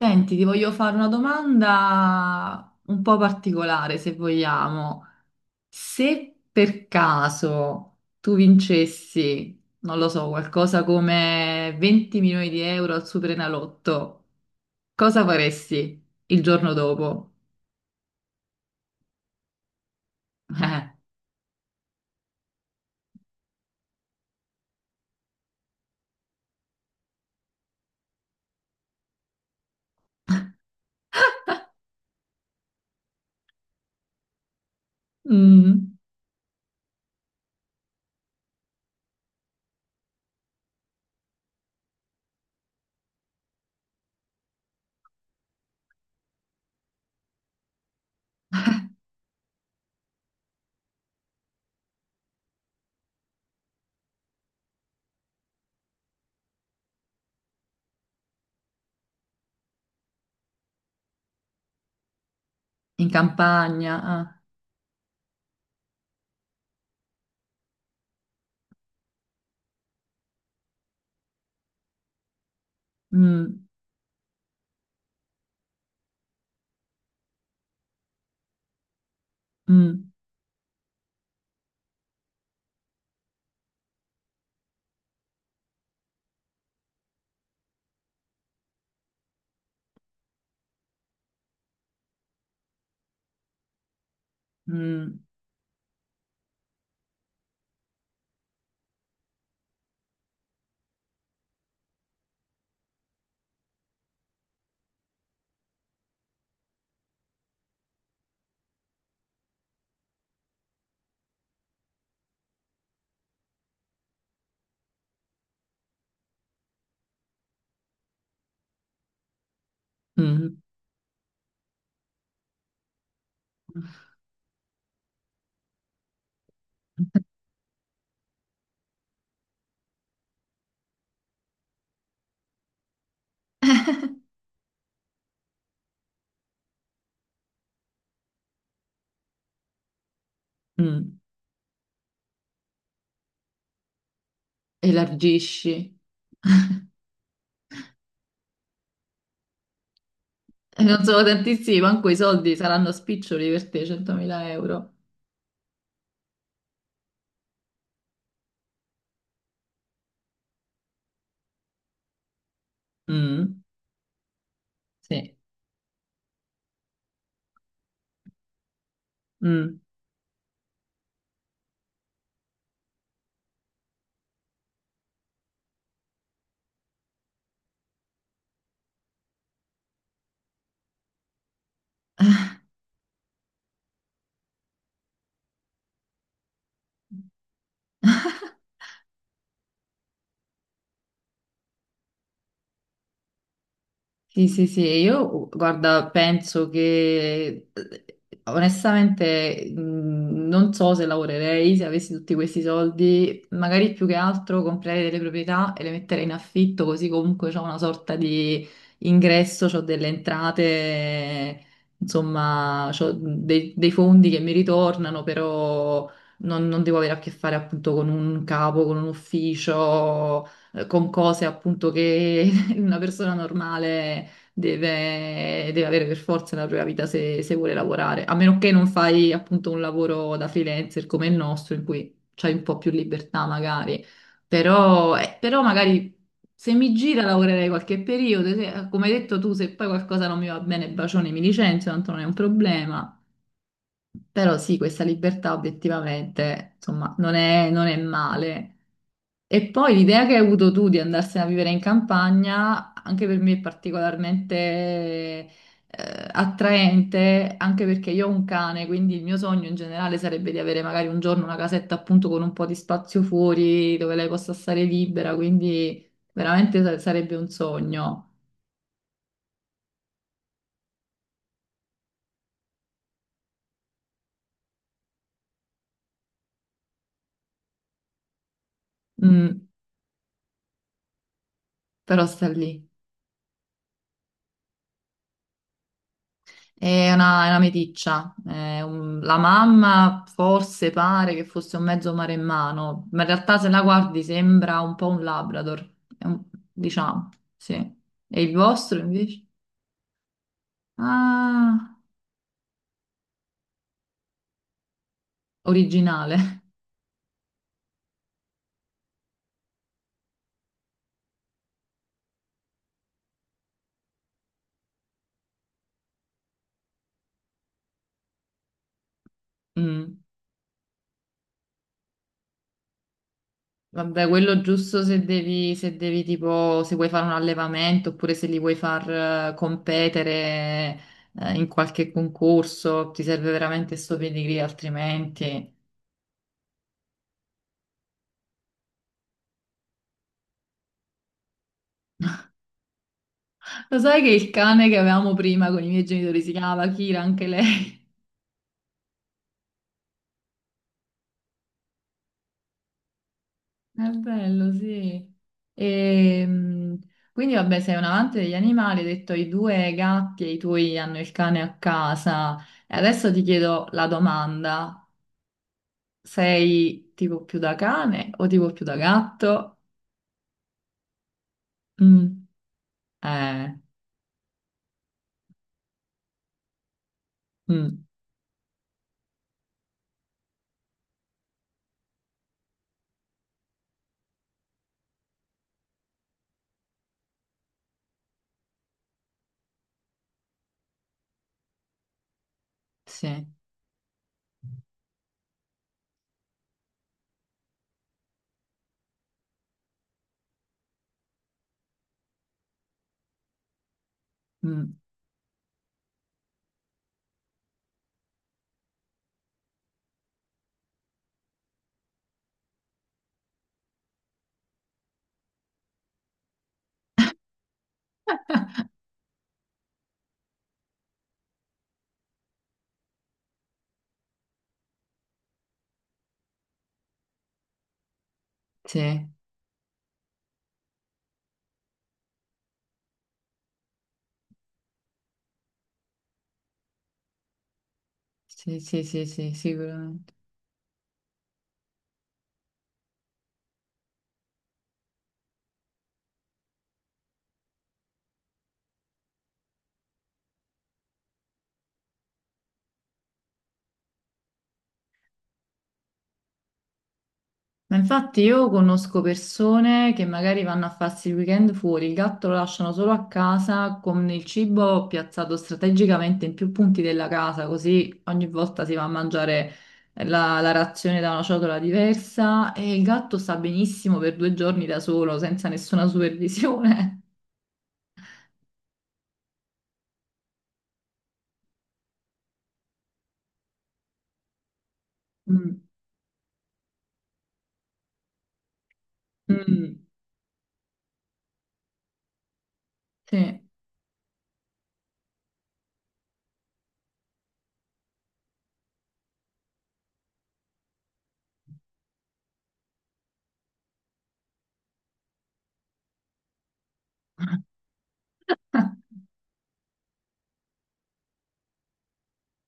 Senti, ti voglio fare una domanda un po' particolare, se vogliamo. Se per caso tu vincessi, non lo so, qualcosa come 20 milioni di euro al Superenalotto, cosa faresti il giorno dopo? Eh, mm, in campagna? Ah, mm, mm, mm, mm, mm. Elargisci? E non sono tantissimi, manco i soldi saranno spiccioli per te, 100.000 euro. Mm, sì. Mm. Sì, sì, sì, e io guarda, penso che onestamente non so se lavorerei se avessi tutti questi soldi, magari più che altro comprerei delle proprietà e le metterei in affitto, così comunque ho una sorta di ingresso, ho delle entrate, insomma, ho dei fondi che mi ritornano, però non devo avere a che fare appunto con un capo, con un ufficio, con cose appunto che una persona normale deve avere per forza una propria vita se, se vuole lavorare, a meno che non fai appunto un lavoro da freelancer come il nostro, in cui c'hai un po' più libertà magari, però, però magari se mi gira lavorerei qualche periodo, come hai detto tu, se poi qualcosa non mi va bene, bacione, mi licenzio, tanto non è un problema, però sì, questa libertà obiettivamente, insomma, non è male. E poi l'idea che hai avuto tu di andarsene a vivere in campagna, anche per me è particolarmente attraente, anche perché io ho un cane, quindi il mio sogno in generale sarebbe di avere magari un giorno una casetta appunto con un po' di spazio fuori dove lei possa stare libera, quindi veramente sarebbe un sogno. Mm, però sta lì. È una meticcia. La mamma forse pare che fosse un mezzo maremmano, ma in realtà se la guardi sembra un po' un Labrador. Diciamo, sì. E il vostro invece? Ah, originale. Mm. Vabbè, quello giusto se devi, se vuoi fare un allevamento oppure se li vuoi far competere in qualche concorso, ti serve veramente sto pedigree, altrimenti... Lo sai che il cane che avevamo prima con i miei genitori si chiamava Kira, anche lei? È bello, sì. Ehm, quindi vabbè, sei un amante degli animali, hai detto i due gatti e i tuoi hanno il cane a casa. E adesso ti chiedo la domanda, sei tipo più da cane o tipo più da gatto? Mm, eh, mm, sì, mm, sì, sì, sì, sì, sì, sicuramente. Ma infatti io conosco persone che magari vanno a farsi il weekend fuori, il gatto lo lasciano solo a casa con il cibo piazzato strategicamente in più punti della casa, così ogni volta si va a mangiare la razione da una ciotola diversa e il gatto sta benissimo per due giorni da solo, senza nessuna supervisione. Mm. Mm. Sì.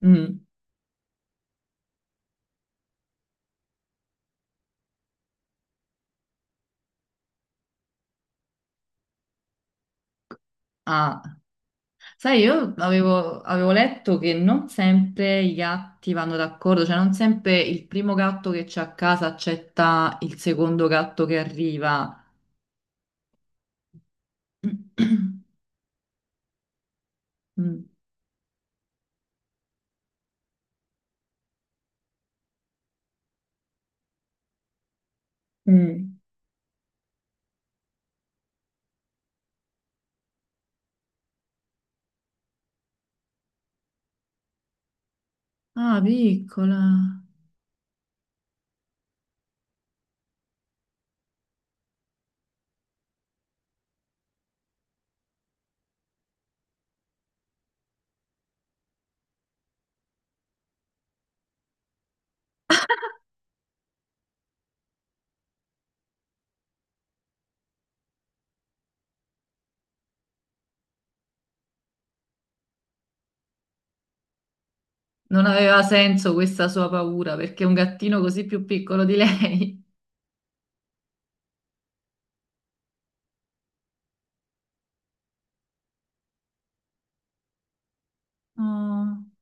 Mm. Ah. Sai, avevo letto che non sempre i gatti vanno d'accordo, cioè non sempre il primo gatto che c'è a casa accetta il secondo gatto che arriva. Mm. Mm. Ah, piccola. Non aveva senso questa sua paura perché è un gattino così più piccolo di lei. Oh.